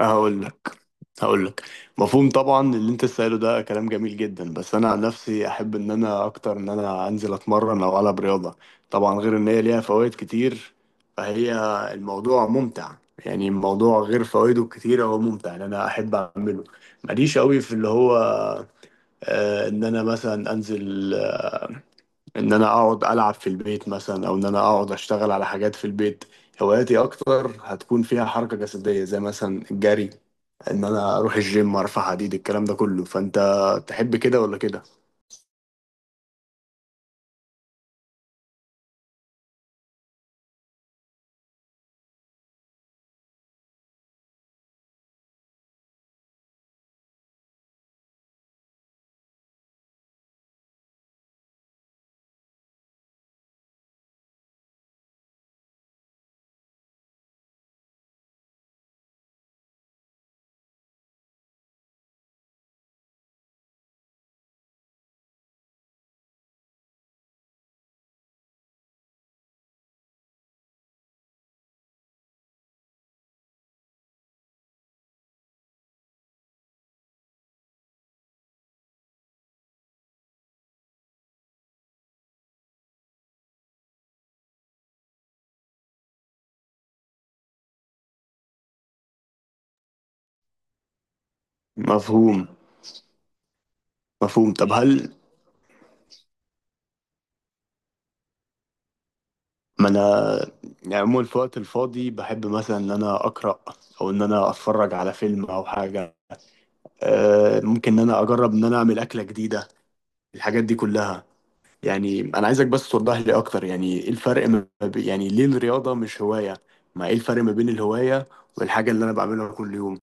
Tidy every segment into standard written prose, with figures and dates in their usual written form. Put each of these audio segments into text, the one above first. هقول لك هقول لك. مفهوم طبعا، اللي انت سأله ده كلام جميل جدا، بس انا عن نفسي احب ان انا اكتر ان انا انزل اتمرن او العب رياضه. طبعا غير ان هي ليها فوائد كتير، فهي الموضوع ممتع. يعني الموضوع غير فوائده الكتيره هو ممتع، ان انا احب اعمله. ماليش قوي في اللي هو ان انا مثلا انزل، ان انا اقعد العب في البيت مثلا، او ان انا اقعد اشتغل على حاجات في البيت. هواياتي اكتر هتكون فيها حركه جسديه، زي مثلا الجري، ان انا اروح الجيم ارفع حديد، الكلام ده كله. فانت تحب كده ولا كده؟ مفهوم مفهوم. طب هل ما انا يعني عموما في الوقت الفاضي بحب مثلا ان انا اقرا، او ان انا اتفرج على فيلم او حاجه. أه، ممكن ان انا اجرب ان انا اعمل اكله جديده، الحاجات دي كلها. يعني انا عايزك بس توضح لي اكتر، يعني ايه الفرق ما بي- يعني ليه الرياضه مش هوايه؟ ما ايه الفرق ما بين الهوايه والحاجه اللي انا بعملها كل يوم؟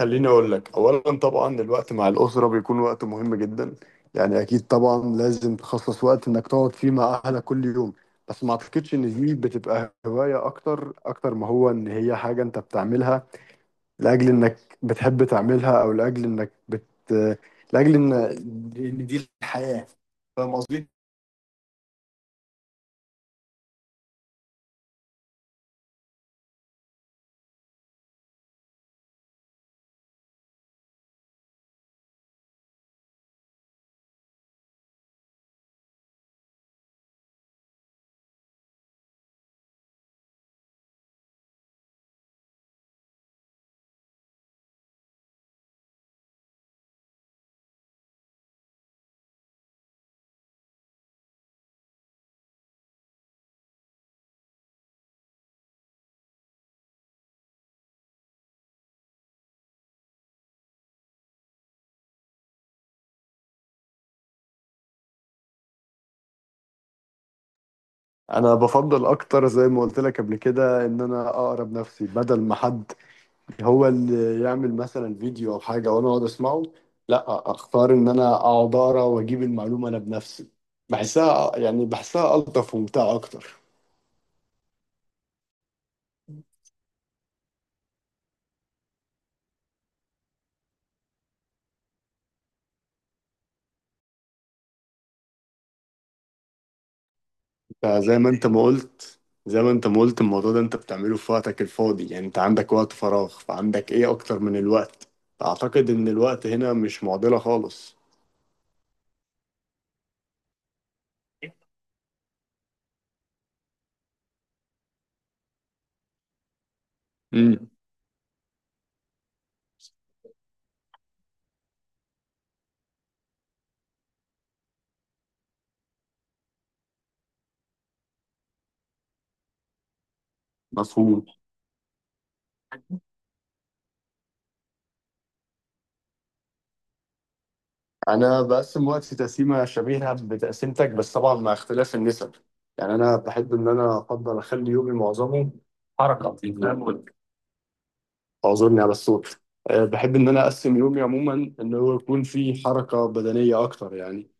خليني اقول لك اولا، طبعا الوقت مع الاسره بيكون وقت مهم جدا. يعني اكيد طبعا لازم تخصص وقت انك تقعد فيه مع اهلك كل يوم، بس ما اعتقدش ان دي بتبقى هوايه، اكتر اكتر ما هو ان هي حاجه انت بتعملها لاجل انك بتحب تعملها، او لاجل انك بت لاجل ان دي الحياه. فاهم قصدي؟ انا بفضل اكتر، زي ما قلت لك قبل كده، ان انا اقرب نفسي، بدل ما حد هو اللي يعمل مثلا فيديو او حاجه وانا اقعد اسمعه، لا اختار ان انا اقعد اقرا واجيب المعلومه انا بنفسي. بحسها يعني بحسها الطف وممتعه اكتر. انت زي ما انت ما قلت زي ما انت ما قلت الموضوع ده انت بتعمله في وقتك الفاضي، يعني انت عندك وقت فراغ، فعندك ايه اكتر من الوقت؟ اعتقد ان الوقت هنا مش معضله خالص. امم مفهوم. انا بقسم وقتي تقسيمه شبيهه بتقسيمتك، بس طبعا مع اختلاف النسب. يعني انا بحب ان انا افضل اخلي يومي معظمه حركه، فاهم؟ اعذرني على الصوت. بحب ان انا اقسم يومي عموما ان هو يكون فيه حركه بدنيه اكتر يعني.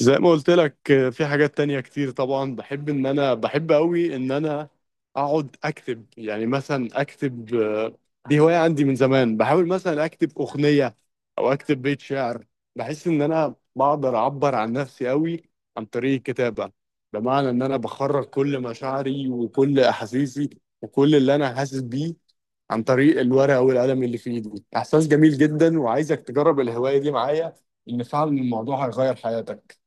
زي ما قلت لك، في حاجات تانية كتير طبعا، بحب ان انا بحب قوي ان انا اقعد اكتب، يعني مثلا اكتب. دي هواية عندي من زمان، بحاول مثلا اكتب اغنية او اكتب بيت شعر. بحس ان انا بقدر اعبر عن نفسي قوي عن طريق الكتابة، بمعنى ان انا بخرج كل مشاعري وكل احاسيسي وكل اللي انا حاسس بيه عن طريق الورقة والقلم اللي في ايدي. احساس جميل جدا، وعايزك تجرب الهواية دي معايا، ان فعلا الموضوع هيغير حياتك.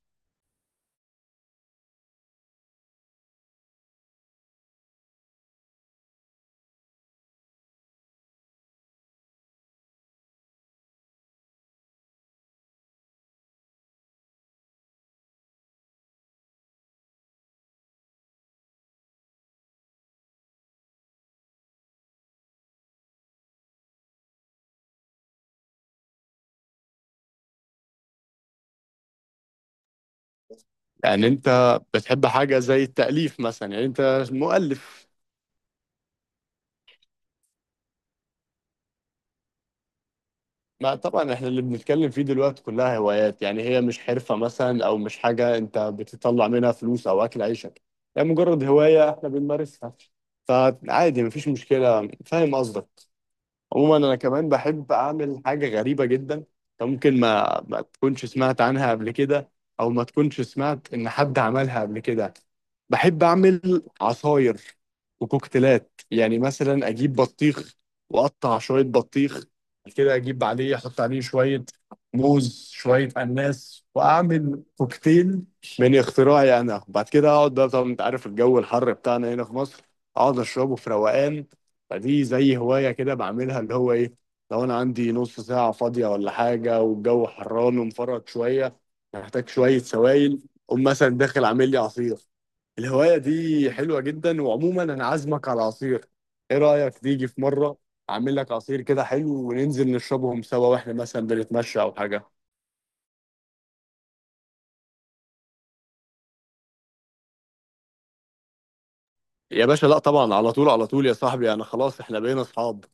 يعني انت بتحب حاجة زي التأليف مثلا؟ يعني انت مؤلف؟ ما طبعا احنا اللي بنتكلم فيه دلوقتي كلها هوايات، يعني هي مش حرفة مثلا، او مش حاجة انت بتطلع منها فلوس او اكل عيشك، يعني مجرد هواية احنا بنمارسها، فعادي مفيش مشكلة. فاهم قصدك. عموما انا كمان بحب اعمل حاجه غريبه جدا، أنت ممكن ما تكونش سمعت عنها قبل كده، او ما تكونش سمعت ان حد عملها قبل كده. بحب اعمل عصاير وكوكتيلات، يعني مثلا اجيب بطيخ واقطع شويه بطيخ كده، اجيب عليه احط عليه شويه موز، شويه اناناس، واعمل كوكتيل من اختراعي انا. بعد كده اقعد بقى، طبعا انت عارف الجو الحر بتاعنا هنا في مصر، اقعد اشربه في روقان. فدي زي هواية كده بعملها، اللي هو إيه، لو أنا عندي نص ساعة فاضية ولا حاجة، والجو حران ومفرط شوية، محتاج شوية سوائل، أقوم مثلا داخل عامل لي عصير. الهواية دي حلوة جدا، وعموما أنا عازمك على عصير. إيه رأيك تيجي في مرة، أعمل لك عصير كده حلو، وننزل نشربهم سوا وإحنا مثلا بنتمشى أو حاجة؟ يا باشا لا طبعا، على طول على طول يا صاحبي، أنا خلاص، إحنا بقينا أصحاب.